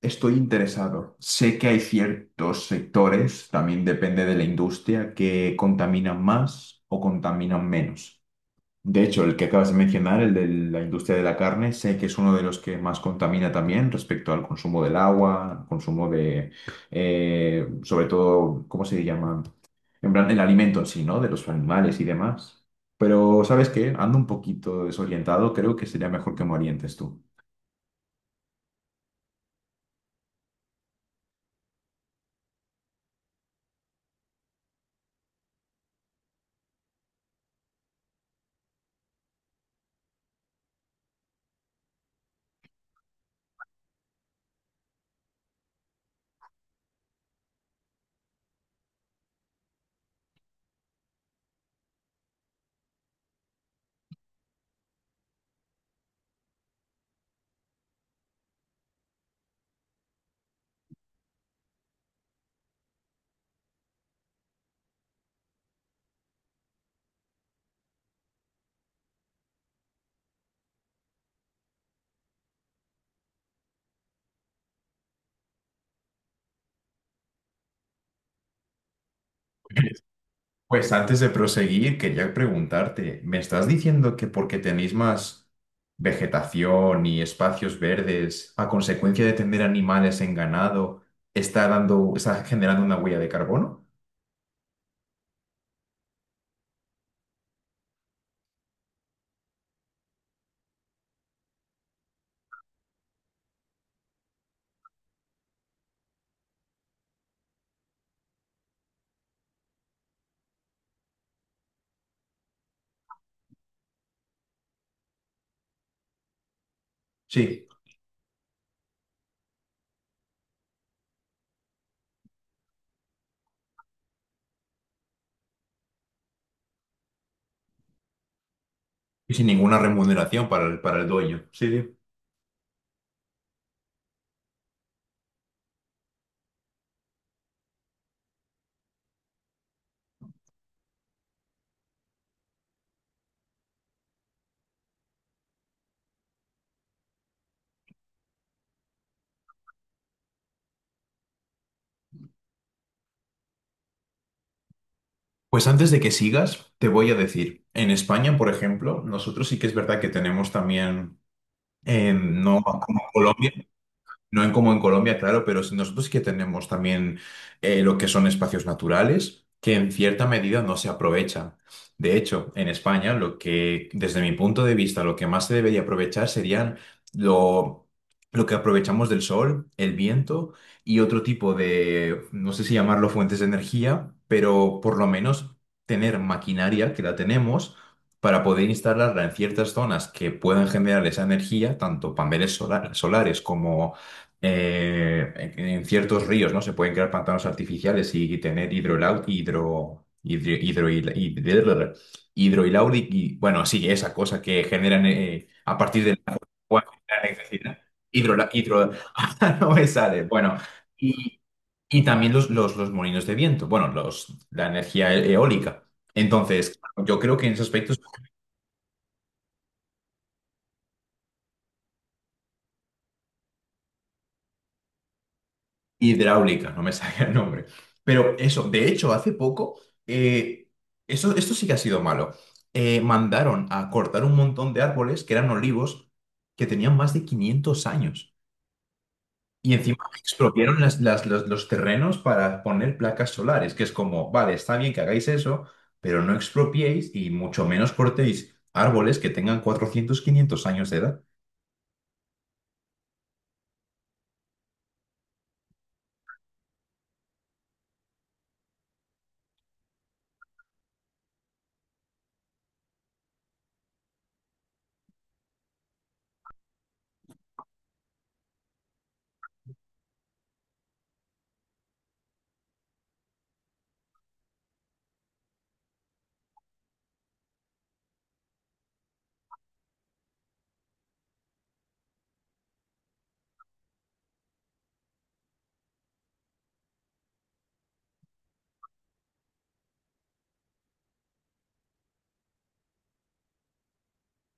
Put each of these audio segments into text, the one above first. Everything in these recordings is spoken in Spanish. Estoy interesado. Sé que hay ciertos sectores, también depende de la industria, que contaminan más o contaminan menos. De hecho, el que acabas de mencionar, el de la industria de la carne, sé que es uno de los que más contamina también respecto al consumo del agua, consumo de, sobre todo, ¿cómo se llama? En plan, el alimento en sí, ¿no? De los animales y demás. Pero, ¿sabes qué? Ando un poquito desorientado, creo que sería mejor que me orientes tú. Pues antes de proseguir, quería preguntarte, ¿me estás diciendo que porque tenéis más vegetación y espacios verdes, a consecuencia de tener animales en ganado, está generando una huella de carbono? Sí, y sin ninguna remuneración para el dueño. Sí, sí. Pues antes de que sigas, te voy a decir, en España, por ejemplo, nosotros sí que es verdad que tenemos también, no como Colombia. No en como en Colombia, claro, nosotros sí que tenemos también lo que son espacios naturales que en cierta medida no se aprovechan. De hecho, en España, lo que, desde mi punto de vista, lo que más se debería aprovechar serían lo, lo que aprovechamos del sol, el viento y otro tipo de, no sé si llamarlo fuentes de energía, pero por lo menos tener maquinaria que la tenemos para poder instalarla en ciertas zonas que puedan generar esa energía, tanto paneles solares como en ciertos ríos, ¿no? Se pueden crear pantanos artificiales y tener hidro, hidro- y, bueno, sí, esa cosa que generan a partir del agua, generan electricidad. Hidrola- hidro, no me sale. Bueno, y, y también los molinos de viento, bueno, la energía eólica. Entonces, yo creo que en esos aspectos. Hidráulica, no me sale el nombre. Pero eso, de hecho, hace poco, eh, esto sí que ha sido malo. Mandaron a cortar un montón de árboles que eran olivos que tenían más de 500 años. Y encima expropiaron los terrenos para poner placas solares, que es como, vale, está bien que hagáis eso, pero no expropiéis y mucho menos cortéis árboles que tengan 400 500 años de edad.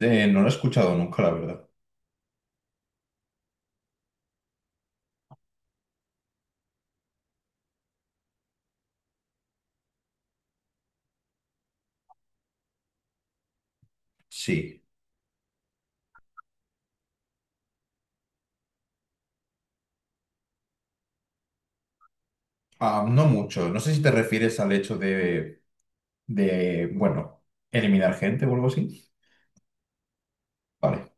No lo he escuchado nunca, la verdad. Sí. Ah, no mucho. No sé si te refieres al hecho de, bueno, eliminar gente o algo así. Vale,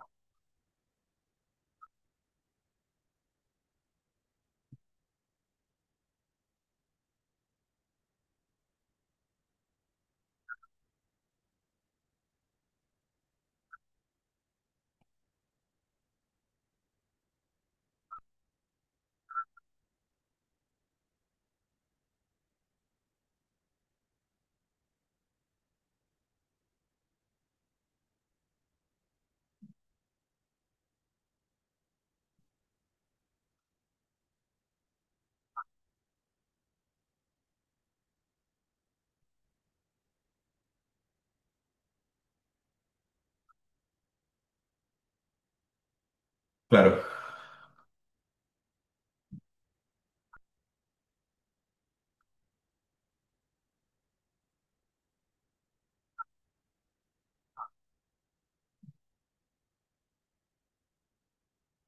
claro.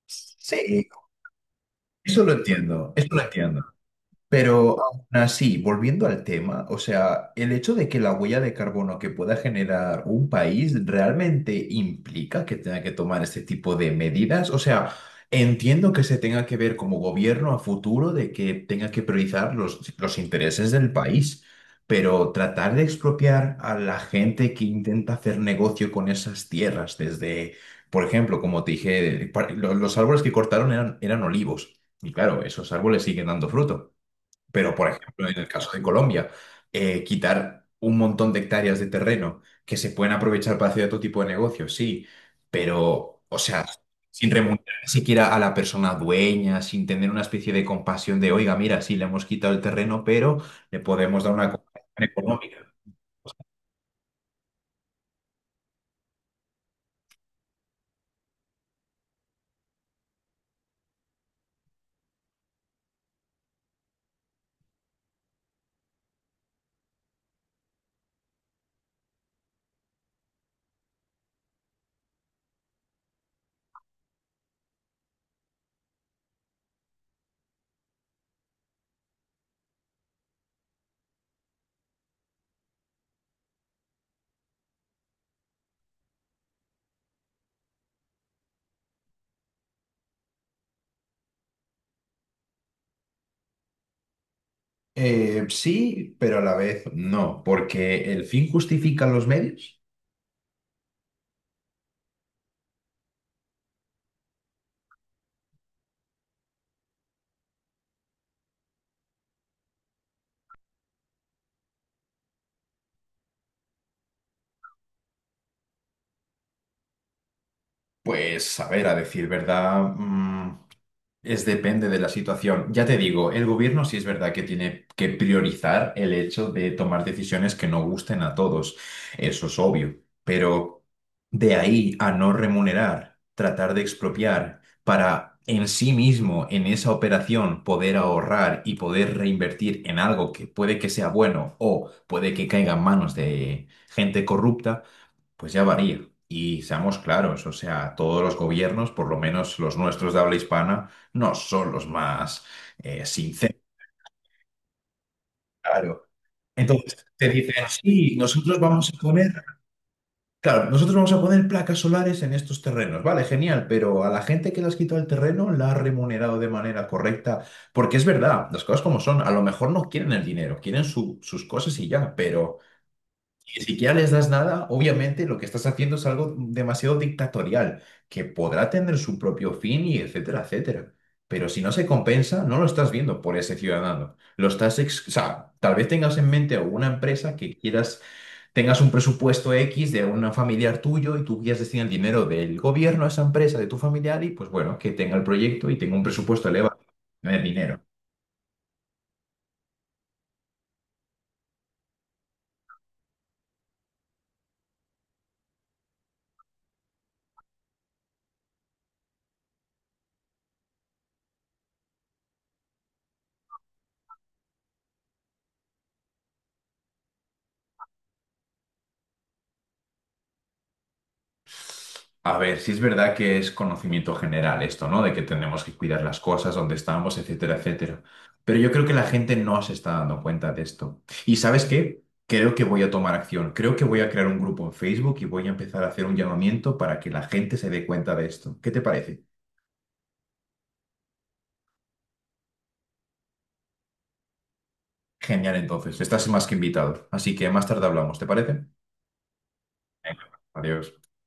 Sí, eso lo entiendo, eso lo entiendo. Pero aún así, volviendo al tema, o sea, el hecho de que la huella de carbono que pueda generar un país realmente implica que tenga que tomar este tipo de medidas. O sea, entiendo que se tenga que ver como gobierno a futuro de que tenga que priorizar los intereses del país, pero tratar de expropiar a la gente que intenta hacer negocio con esas tierras, desde, por ejemplo, como te dije, los árboles que cortaron eran olivos. Y claro, esos árboles siguen dando fruto. Pero, por ejemplo, en el caso de Colombia, quitar un montón de hectáreas de terreno que se pueden aprovechar para hacer otro tipo de negocios, sí, pero, o sea, sin remunerar ni siquiera a la persona dueña, sin tener una especie de compasión de, oiga, mira, sí, le hemos quitado el terreno, pero le podemos dar una compensación económica. Sí, pero a la vez no, porque el fin justifica los medios. Pues, a ver, a decir verdad. Es depende de la situación. Ya te digo, el gobierno sí es verdad que tiene que priorizar el hecho de tomar decisiones que no gusten a todos. Eso es obvio. Pero de ahí a no remunerar, tratar de expropiar para en sí mismo, en esa operación, poder ahorrar y poder reinvertir en algo que puede que sea bueno o puede que caiga en manos de gente corrupta. Pues ya varía. Y seamos claros, o sea, todos los gobiernos, por lo menos los nuestros de habla hispana, no son los más sinceros. Claro. Entonces, te dicen, sí, nosotros vamos a poner, claro, nosotros vamos a poner placas solares en estos terrenos. Vale, genial, pero a la gente que le has quitado el terreno la ha remunerado de manera correcta. Porque es verdad, las cosas como son, a lo mejor no quieren el dinero, quieren sus cosas y ya, pero, ni siquiera les das nada, obviamente lo que estás haciendo es algo demasiado dictatorial, que podrá tener su propio fin y etcétera, etcétera. Pero si no se compensa, no lo estás viendo por ese ciudadano. O sea, tal vez tengas en mente alguna empresa que quieras, tengas un presupuesto X de un familiar tuyo y tú quieras destinar el dinero del gobierno a esa empresa, de tu familiar, y pues bueno, que tenga el proyecto y tenga un presupuesto elevado, no es dinero. A ver, si es verdad que es conocimiento general esto, ¿no? De que tenemos que cuidar las cosas, dónde estamos, etcétera, etcétera. Pero yo creo que la gente no se está dando cuenta de esto. ¿Y sabes qué? Creo que voy a tomar acción. Creo que voy a crear un grupo en Facebook y voy a empezar a hacer un llamamiento para que la gente se dé cuenta de esto. ¿Qué te parece? Genial, entonces. Estás más que invitado. Así que más tarde hablamos, ¿te parece? Adiós.